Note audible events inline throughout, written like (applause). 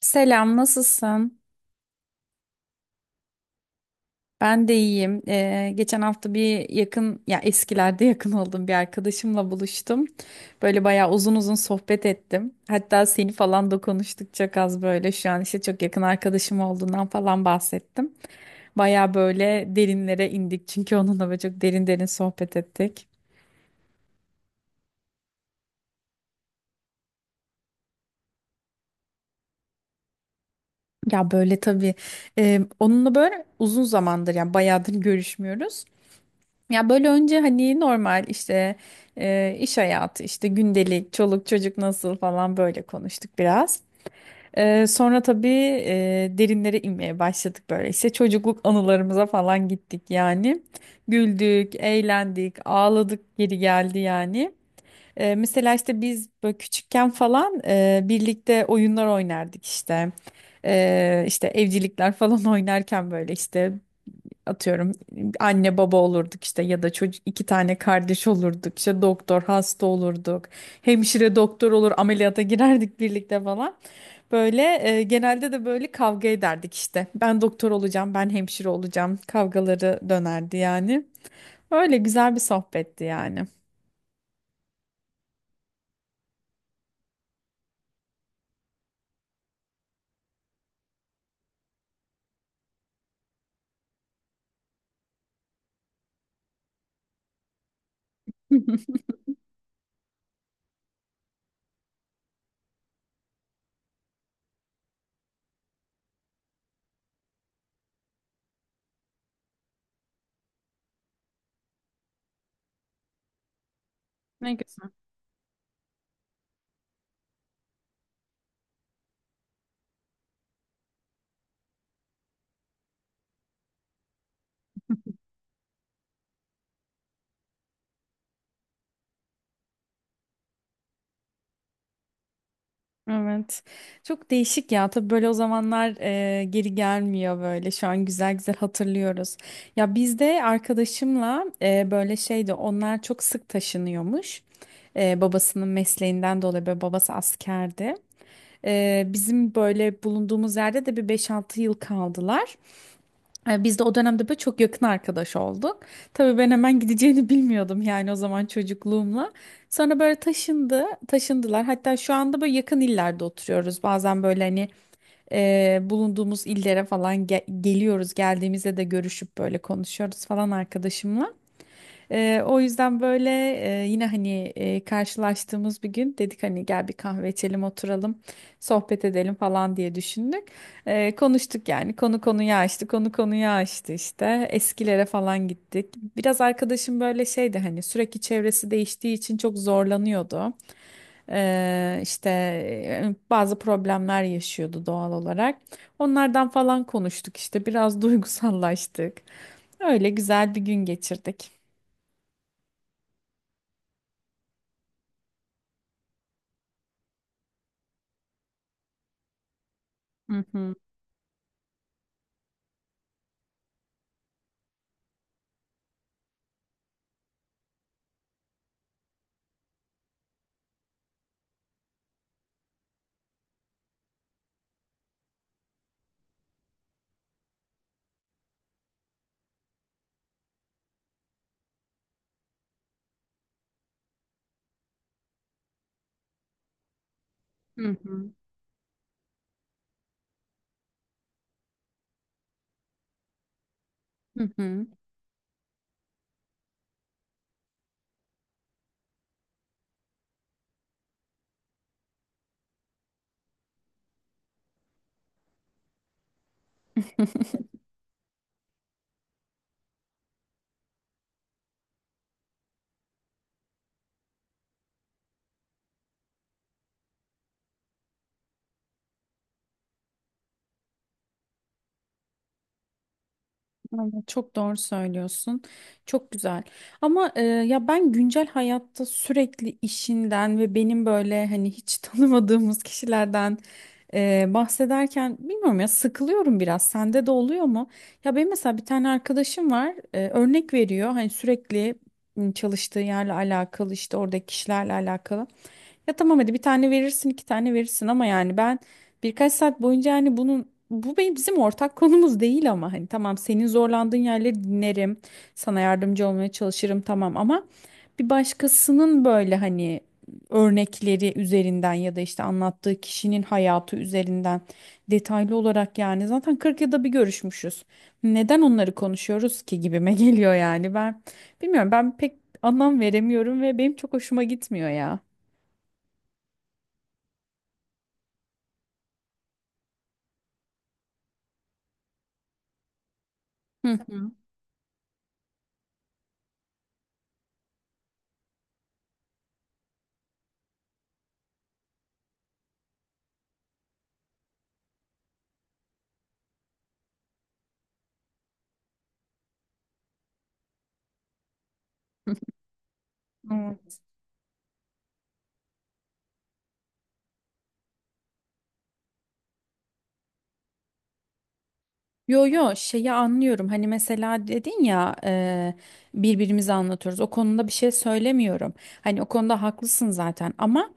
Selam, nasılsın? Ben de iyiyim. Geçen hafta ya eskilerde (laughs) yakın olduğum bir arkadaşımla buluştum. Böyle bayağı uzun uzun sohbet ettim. Hatta seni falan da konuştuk çok az böyle. Şu an işte çok yakın arkadaşım olduğundan falan bahsettim. Bayağı böyle derinlere indik çünkü onunla böyle çok derin derin sohbet ettik. Ya böyle tabii, onunla böyle uzun zamandır yani bayağıdır görüşmüyoruz. Ya böyle önce hani normal işte, iş hayatı işte gündelik çoluk çocuk nasıl falan böyle konuştuk biraz. Sonra tabii, derinlere inmeye başladık böyle işte çocukluk anılarımıza falan gittik yani. Güldük, eğlendik, ağladık, geri geldi yani. Mesela işte biz böyle küçükken falan, birlikte oyunlar oynardık işte. İşte evcilikler (laughs) falan oynarken böyle işte atıyorum anne baba olurduk işte, ya da çocuk iki tane kardeş olurduk, işte doktor hasta olurduk, hemşire doktor olur ameliyata girerdik birlikte falan böyle. Genelde de böyle kavga ederdik, işte ben doktor olacağım, ben hemşire olacağım kavgaları dönerdi yani. Öyle güzel bir sohbetti yani. (laughs) Ne güzel. Evet. Çok değişik ya. Tabii böyle o zamanlar, geri gelmiyor böyle. Şu an güzel güzel hatırlıyoruz. Ya biz de arkadaşımla, böyle şeydi. Onlar çok sık taşınıyormuş. Babasının mesleğinden dolayı böyle babası askerdi. Bizim böyle bulunduğumuz yerde de bir 5-6 yıl kaldılar. Biz de o dönemde böyle çok yakın arkadaş olduk. Tabii ben hemen gideceğini bilmiyordum yani o zaman çocukluğumla. Sonra böyle taşındı, taşındılar. Hatta şu anda böyle yakın illerde oturuyoruz. Bazen böyle hani, bulunduğumuz illere falan geliyoruz. Geldiğimizde de görüşüp böyle konuşuyoruz falan arkadaşımla. O yüzden böyle, yine hani, karşılaştığımız bir gün dedik hani gel bir kahve içelim, oturalım, sohbet edelim falan diye düşündük. Konuştuk yani, konu konuyu açtı konu konuyu açtı, işte eskilere falan gittik. Biraz arkadaşım böyle şeydi hani sürekli çevresi değiştiği için çok zorlanıyordu. İşte bazı problemler yaşıyordu doğal olarak. Onlardan falan konuştuk işte, biraz (laughs) duygusallaştık. Öyle güzel bir gün geçirdik. Hı hı. Hı hı. Hı hı. (laughs) Aynen, çok doğru söylüyorsun. Çok güzel. Ama, ya ben güncel hayatta sürekli işinden ve benim böyle hani hiç (laughs) tanımadığımız kişilerden, bahsederken bilmiyorum ya, sıkılıyorum biraz. Sende de oluyor mu? Ya benim mesela bir tane arkadaşım var. Örnek veriyor. Hani sürekli, çalıştığı yerle alakalı, işte oradaki kişilerle alakalı. Ya tamam hadi bir tane verirsin, iki tane verirsin ama yani ben birkaç saat boyunca hani bunun bu benim bizim ortak konumuz değil, ama hani tamam, senin zorlandığın yerleri dinlerim. Sana yardımcı olmaya çalışırım tamam, ama bir başkasının böyle hani örnekleri üzerinden ya da işte anlattığı kişinin hayatı üzerinden detaylı olarak, yani zaten 40 yılda bir görüşmüşüz. Neden onları konuşuyoruz ki, gibime (laughs) geliyor yani. Ben bilmiyorum, ben pek anlam veremiyorum ve benim çok hoşuma gitmiyor ya. Hı hı. Yo yo, şeyi anlıyorum hani mesela dedin ya, birbirimize anlatıyoruz, o konuda bir şey söylemiyorum, hani o konuda haklısın zaten ama,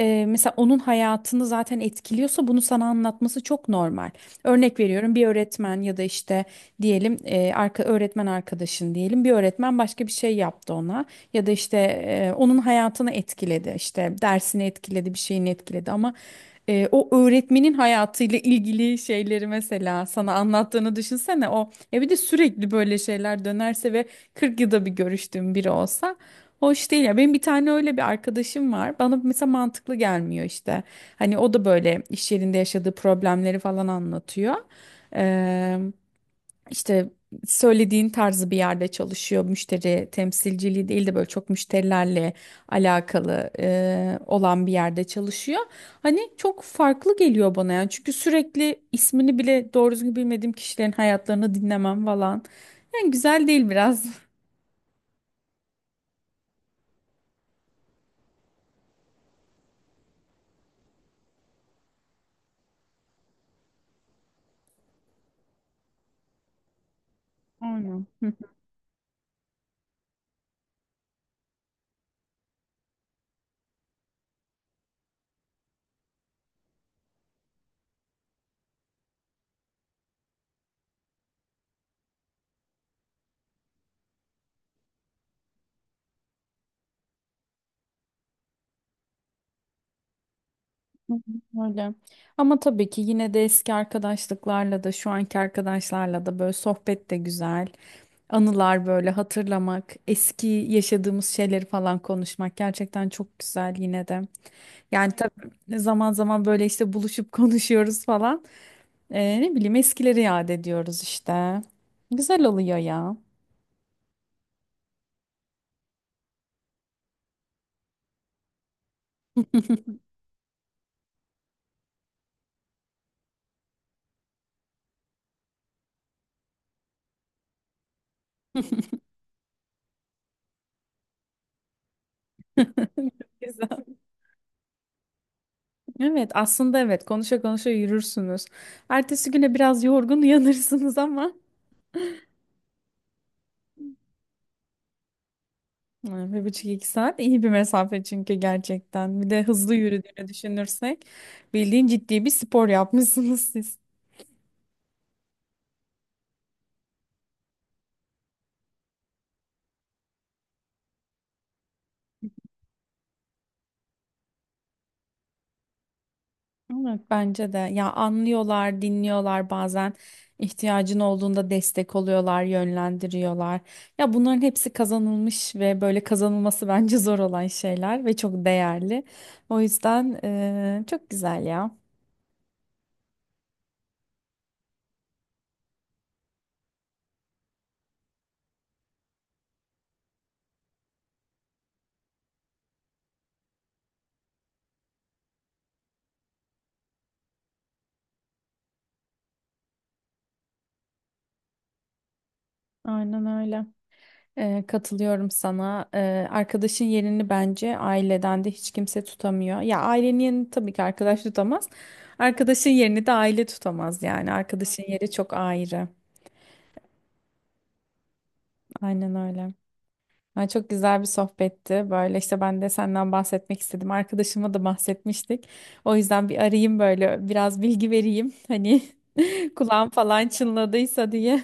mesela onun hayatını zaten etkiliyorsa bunu sana anlatması çok normal. Örnek veriyorum, bir öğretmen ya da işte diyelim, e, arka öğretmen arkadaşın diyelim, bir öğretmen başka bir şey yaptı ona, ya da işte, onun hayatını etkiledi, işte dersini etkiledi, bir şeyini etkiledi ama, o öğretmenin hayatıyla ilgili şeyleri mesela sana anlattığını düşünsene. O ya bir de sürekli böyle şeyler dönerse ve 40 yılda bir görüştüğüm biri olsa hoş değil ya. Benim bir tane öyle bir arkadaşım var, bana mesela mantıklı gelmiyor işte. Hani o da böyle iş yerinde yaşadığı problemleri falan anlatıyor, işte söylediğin tarzı bir yerde çalışıyor. Müşteri temsilciliği değil de böyle çok müşterilerle alakalı, olan bir yerde çalışıyor. Hani çok farklı geliyor bana yani. Çünkü sürekli ismini bile doğru düzgün bilmediğim kişilerin hayatlarını dinlemem falan. Yani güzel değil biraz. (laughs) Hı hı, öyle. Ama tabii ki yine de eski arkadaşlıklarla da şu anki arkadaşlarla da böyle sohbet de güzel. Anılar böyle hatırlamak, eski yaşadığımız şeyleri falan konuşmak gerçekten çok güzel yine de. Yani tabii zaman zaman böyle işte buluşup (laughs) konuşuyoruz falan. Ne bileyim, eskileri yad ediyoruz işte. Güzel oluyor ya. (laughs) Güzel. Evet aslında evet, konuşa konuşa yürürsünüz. Ertesi güne biraz yorgun uyanırsınız ama. Yani bir buçuk iki saat iyi bir mesafe çünkü, gerçekten. Bir de hızlı yürüdüğünü düşünürsek, bildiğin ciddi bir spor yapmışsınız siz. Evet bence de. Ya, anlıyorlar, dinliyorlar bazen. İhtiyacın olduğunda destek oluyorlar, yönlendiriyorlar. Ya bunların hepsi kazanılmış ve böyle kazanılması (laughs) bence zor olan şeyler ve çok değerli. O yüzden, çok güzel ya. Aynen öyle. Katılıyorum sana. Arkadaşın yerini bence aileden de hiç kimse tutamıyor. Ya ailenin yerini tabii ki arkadaş tutamaz. Arkadaşın yerini de aile tutamaz yani. Arkadaşın yeri çok ayrı. Aynen öyle. Yani çok güzel bir sohbetti. Böyle işte ben de senden bahsetmek istedim. Arkadaşıma da bahsetmiştik. O yüzden bir arayayım böyle, biraz bilgi vereyim. Hani (laughs) kulağım falan çınladıysa diye.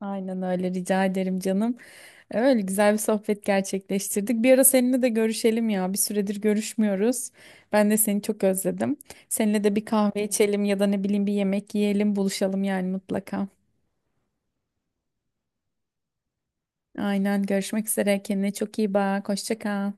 Aynen öyle, rica ederim canım. Öyle güzel bir sohbet gerçekleştirdik. Bir ara seninle de görüşelim ya. Bir süredir görüşmüyoruz. Ben de seni çok özledim. Seninle de bir kahve içelim ya da ne bileyim bir yemek yiyelim, buluşalım yani mutlaka. Aynen, görüşmek üzere. Kendine çok iyi bak. Hoşça kal.